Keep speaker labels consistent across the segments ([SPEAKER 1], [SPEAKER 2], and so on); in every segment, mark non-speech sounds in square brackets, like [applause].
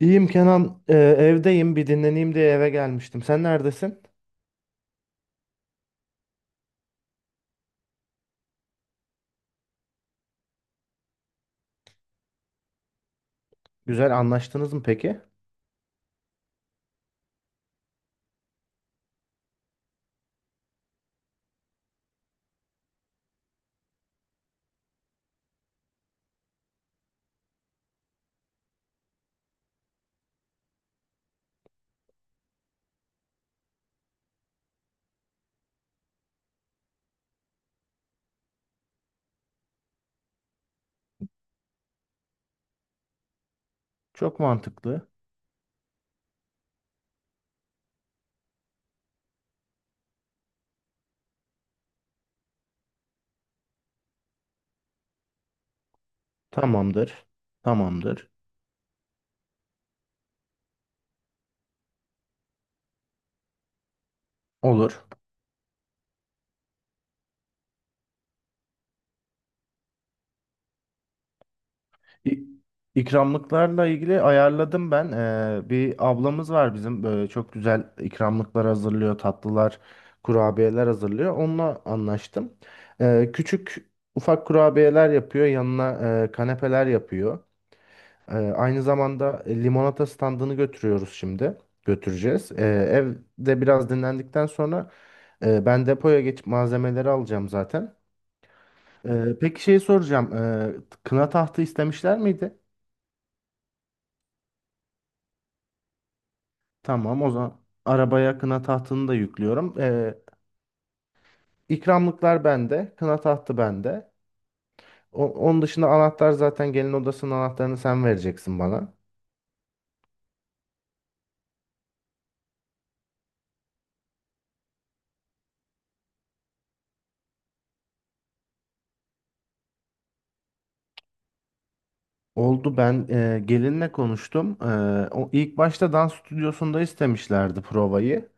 [SPEAKER 1] İyiyim Kenan, evdeyim. Bir dinleneyim diye eve gelmiştim. Sen neredesin? Güzel anlaştınız mı peki? Çok mantıklı. Tamamdır. Tamamdır. Olur. İ- İkramlıklarla ilgili ayarladım ben. Bir ablamız var bizim. Böyle çok güzel ikramlıklar hazırlıyor, tatlılar, kurabiyeler hazırlıyor. Onunla anlaştım. Küçük ufak kurabiyeler yapıyor. Yanına kanepeler yapıyor. Aynı zamanda limonata standını götürüyoruz şimdi. Götüreceğiz. Evde biraz dinlendikten sonra ben depoya geçip malzemeleri alacağım zaten. Peki şeyi soracağım. Kına tahtı istemişler miydi? Tamam o zaman arabaya kına tahtını da yüklüyorum. İkramlıklar bende. Kına tahtı bende. Onun dışında anahtar zaten gelin odasının anahtarını sen vereceksin bana. Oldu, ben gelinle konuştum. O ilk başta dans stüdyosunda istemişlerdi provayı.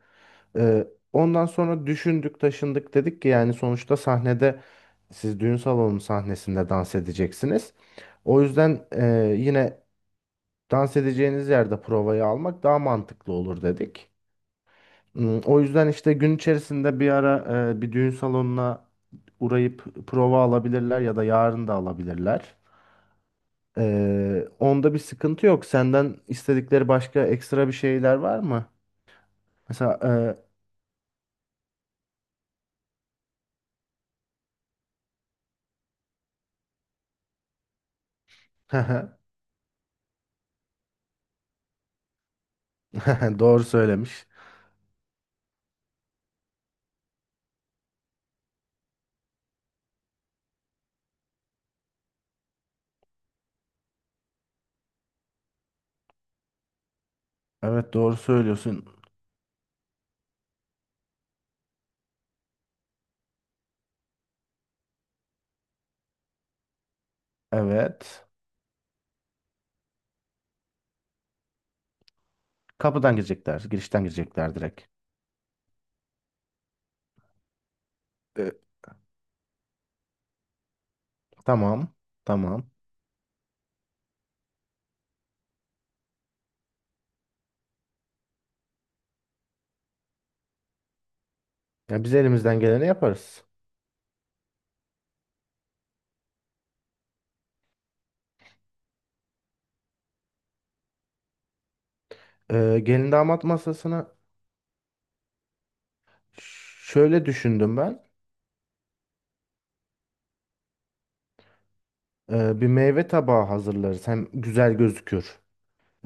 [SPEAKER 1] E, Ondan sonra düşündük, taşındık, dedik ki yani sonuçta sahnede siz düğün salonu sahnesinde dans edeceksiniz. O yüzden yine dans edeceğiniz yerde provayı almak daha mantıklı olur dedik. O yüzden işte gün içerisinde bir ara bir düğün salonuna uğrayıp prova alabilirler ya da yarın da alabilirler. Onda bir sıkıntı yok. Senden istedikleri başka ekstra bir şeyler var mı? Mesela e, [laughs] doğru söylemiş. Evet, doğru söylüyorsun. Evet. Kapıdan girecekler. Girişten girecekler direkt. Ee, tamam. Tamam. Ya biz elimizden geleni yaparız. Gelin damat masasına ş- şöyle düşündüm ben. Bir meyve tabağı hazırlarız. Hem güzel gözükür.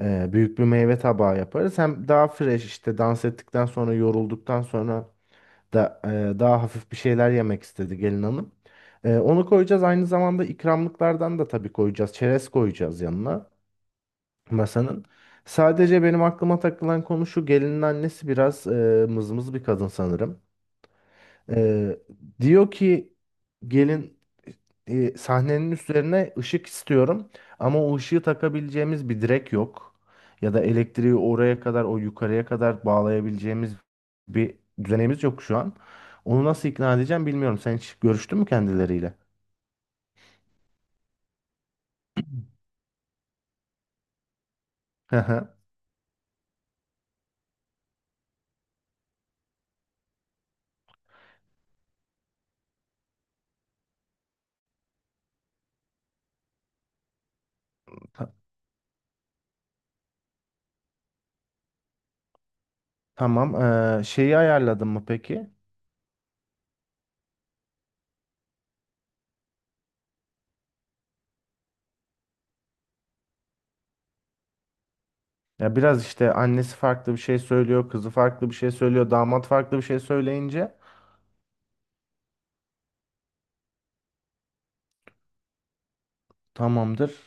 [SPEAKER 1] Büyük bir meyve tabağı yaparız. Hem daha fresh, işte dans ettikten sonra, yorulduktan sonra da daha hafif bir şeyler yemek istedi gelin hanım. Onu koyacağız. Aynı zamanda ikramlıklardan da tabii koyacağız. Çerez koyacağız yanına masanın. Sadece benim aklıma takılan konu şu: gelinin annesi biraz mızmız bir kadın sanırım. Ee, Diyor ki gelin, sahnenin üzerine ışık istiyorum, ama o ışığı takabileceğimiz bir direk yok. Ya da elektriği oraya kadar, o yukarıya kadar bağlayabileceğimiz bir düzenimiz yok şu an. Onu nasıl ikna edeceğim bilmiyorum. Sen hiç görüştün mü kendileriyle? Hı hı. Ta- Tamam. Şeyi ayarladın mı peki? Ya biraz işte annesi farklı bir şey söylüyor, kızı farklı bir şey söylüyor, damat farklı bir şey söyleyince tamamdır.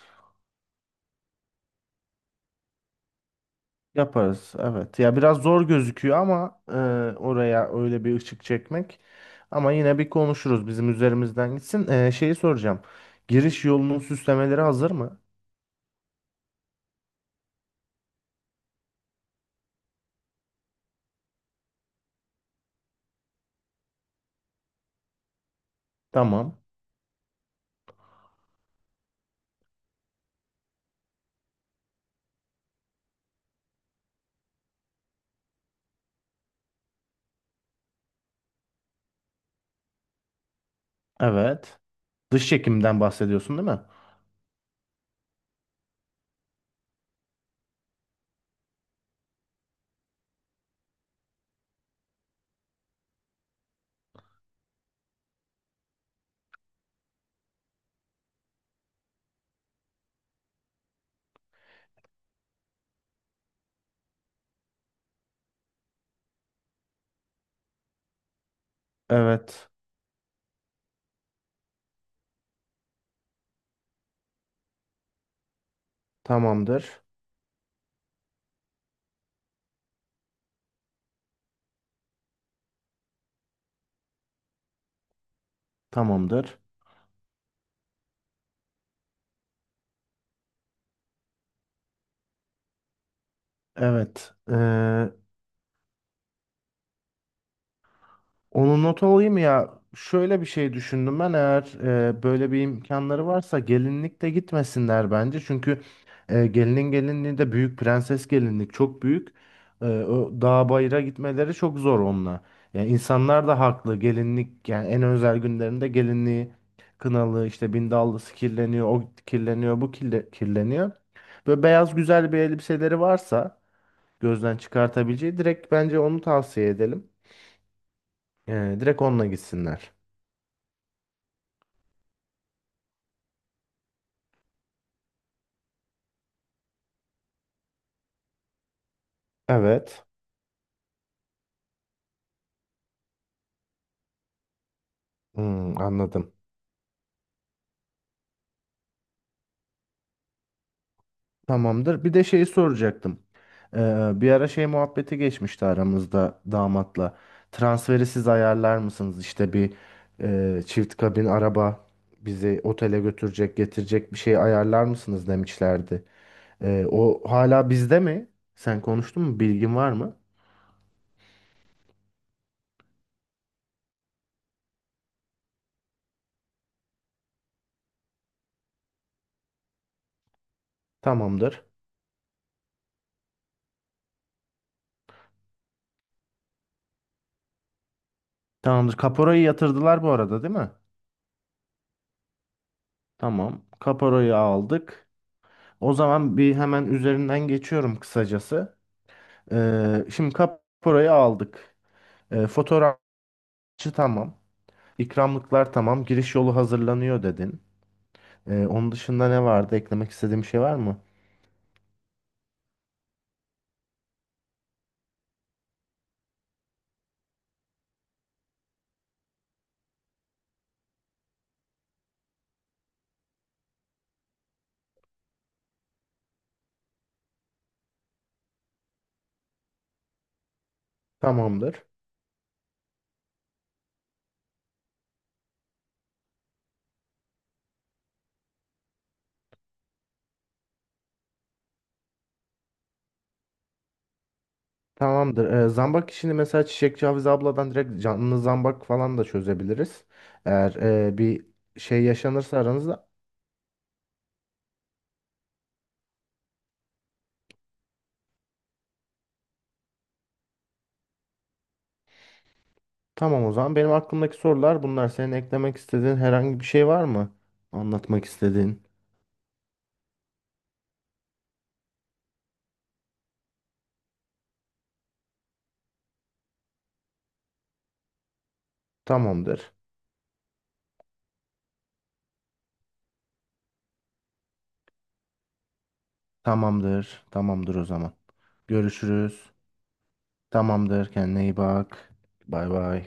[SPEAKER 1] Yaparız evet. Ya biraz zor gözüküyor ama oraya öyle bir ışık çekmek. Ama yine bir konuşuruz, bizim üzerimizden gitsin. Şeyi soracağım. Giriş yolunun süslemeleri hazır mı? Tamam. Evet. Dış çekimden bahsediyorsun değil mi? Evet. Tamamdır. Tamamdır. Evet. Onu not alayım ya. Şöyle bir şey düşündüm ben, eğer böyle bir imkanları varsa gelinlik de gitmesinler bence. Çünkü gelinin gelinliği de büyük prenses gelinlik, çok büyük. O dağ bayıra gitmeleri çok zor onunla. Yani insanlar da haklı, gelinlik yani, en özel günlerinde gelinliği kınalı işte, bindallısı kirleniyor, o kirleniyor, bu kirleniyor. Böyle beyaz güzel bir elbiseleri varsa, gözden çıkartabileceği, direkt bence onu tavsiye edelim. Direkt onunla gitsinler. Evet. Anladım. Tamamdır. Bir de şeyi soracaktım. Bir ara şey muhabbeti geçmişti aramızda damatla. Transferi siz ayarlar mısınız? İşte bir çift kabin araba bizi otele götürecek, getirecek bir şey ayarlar mısınız demişlerdi. O hala bizde mi? Sen konuştun mu? Bilgin var mı? Tamamdır. Tamamdır. Kaporayı yatırdılar bu arada, değil mi? Tamam. Kaporayı aldık. O zaman bir hemen üzerinden geçiyorum kısacası. Şimdi kaporayı aldık. Fotoğrafçı tamam. İkramlıklar tamam. Giriş yolu hazırlanıyor dedin. Onun dışında ne vardı? Eklemek istediğim şey var mı? Tamamdır. Tamamdır. Zambak işini mesela Çiçekçi Hafize abladan direkt canlı zambak falan da çözebiliriz. Eğer bir şey yaşanırsa aranızda. Tamam o zaman. Benim aklımdaki sorular bunlar. Senin eklemek istediğin herhangi bir şey var mı? Anlatmak istediğin. Tamamdır. Tamamdır. Tamamdır o zaman. Görüşürüz. Tamamdır, kendine iyi bak. Bay bay.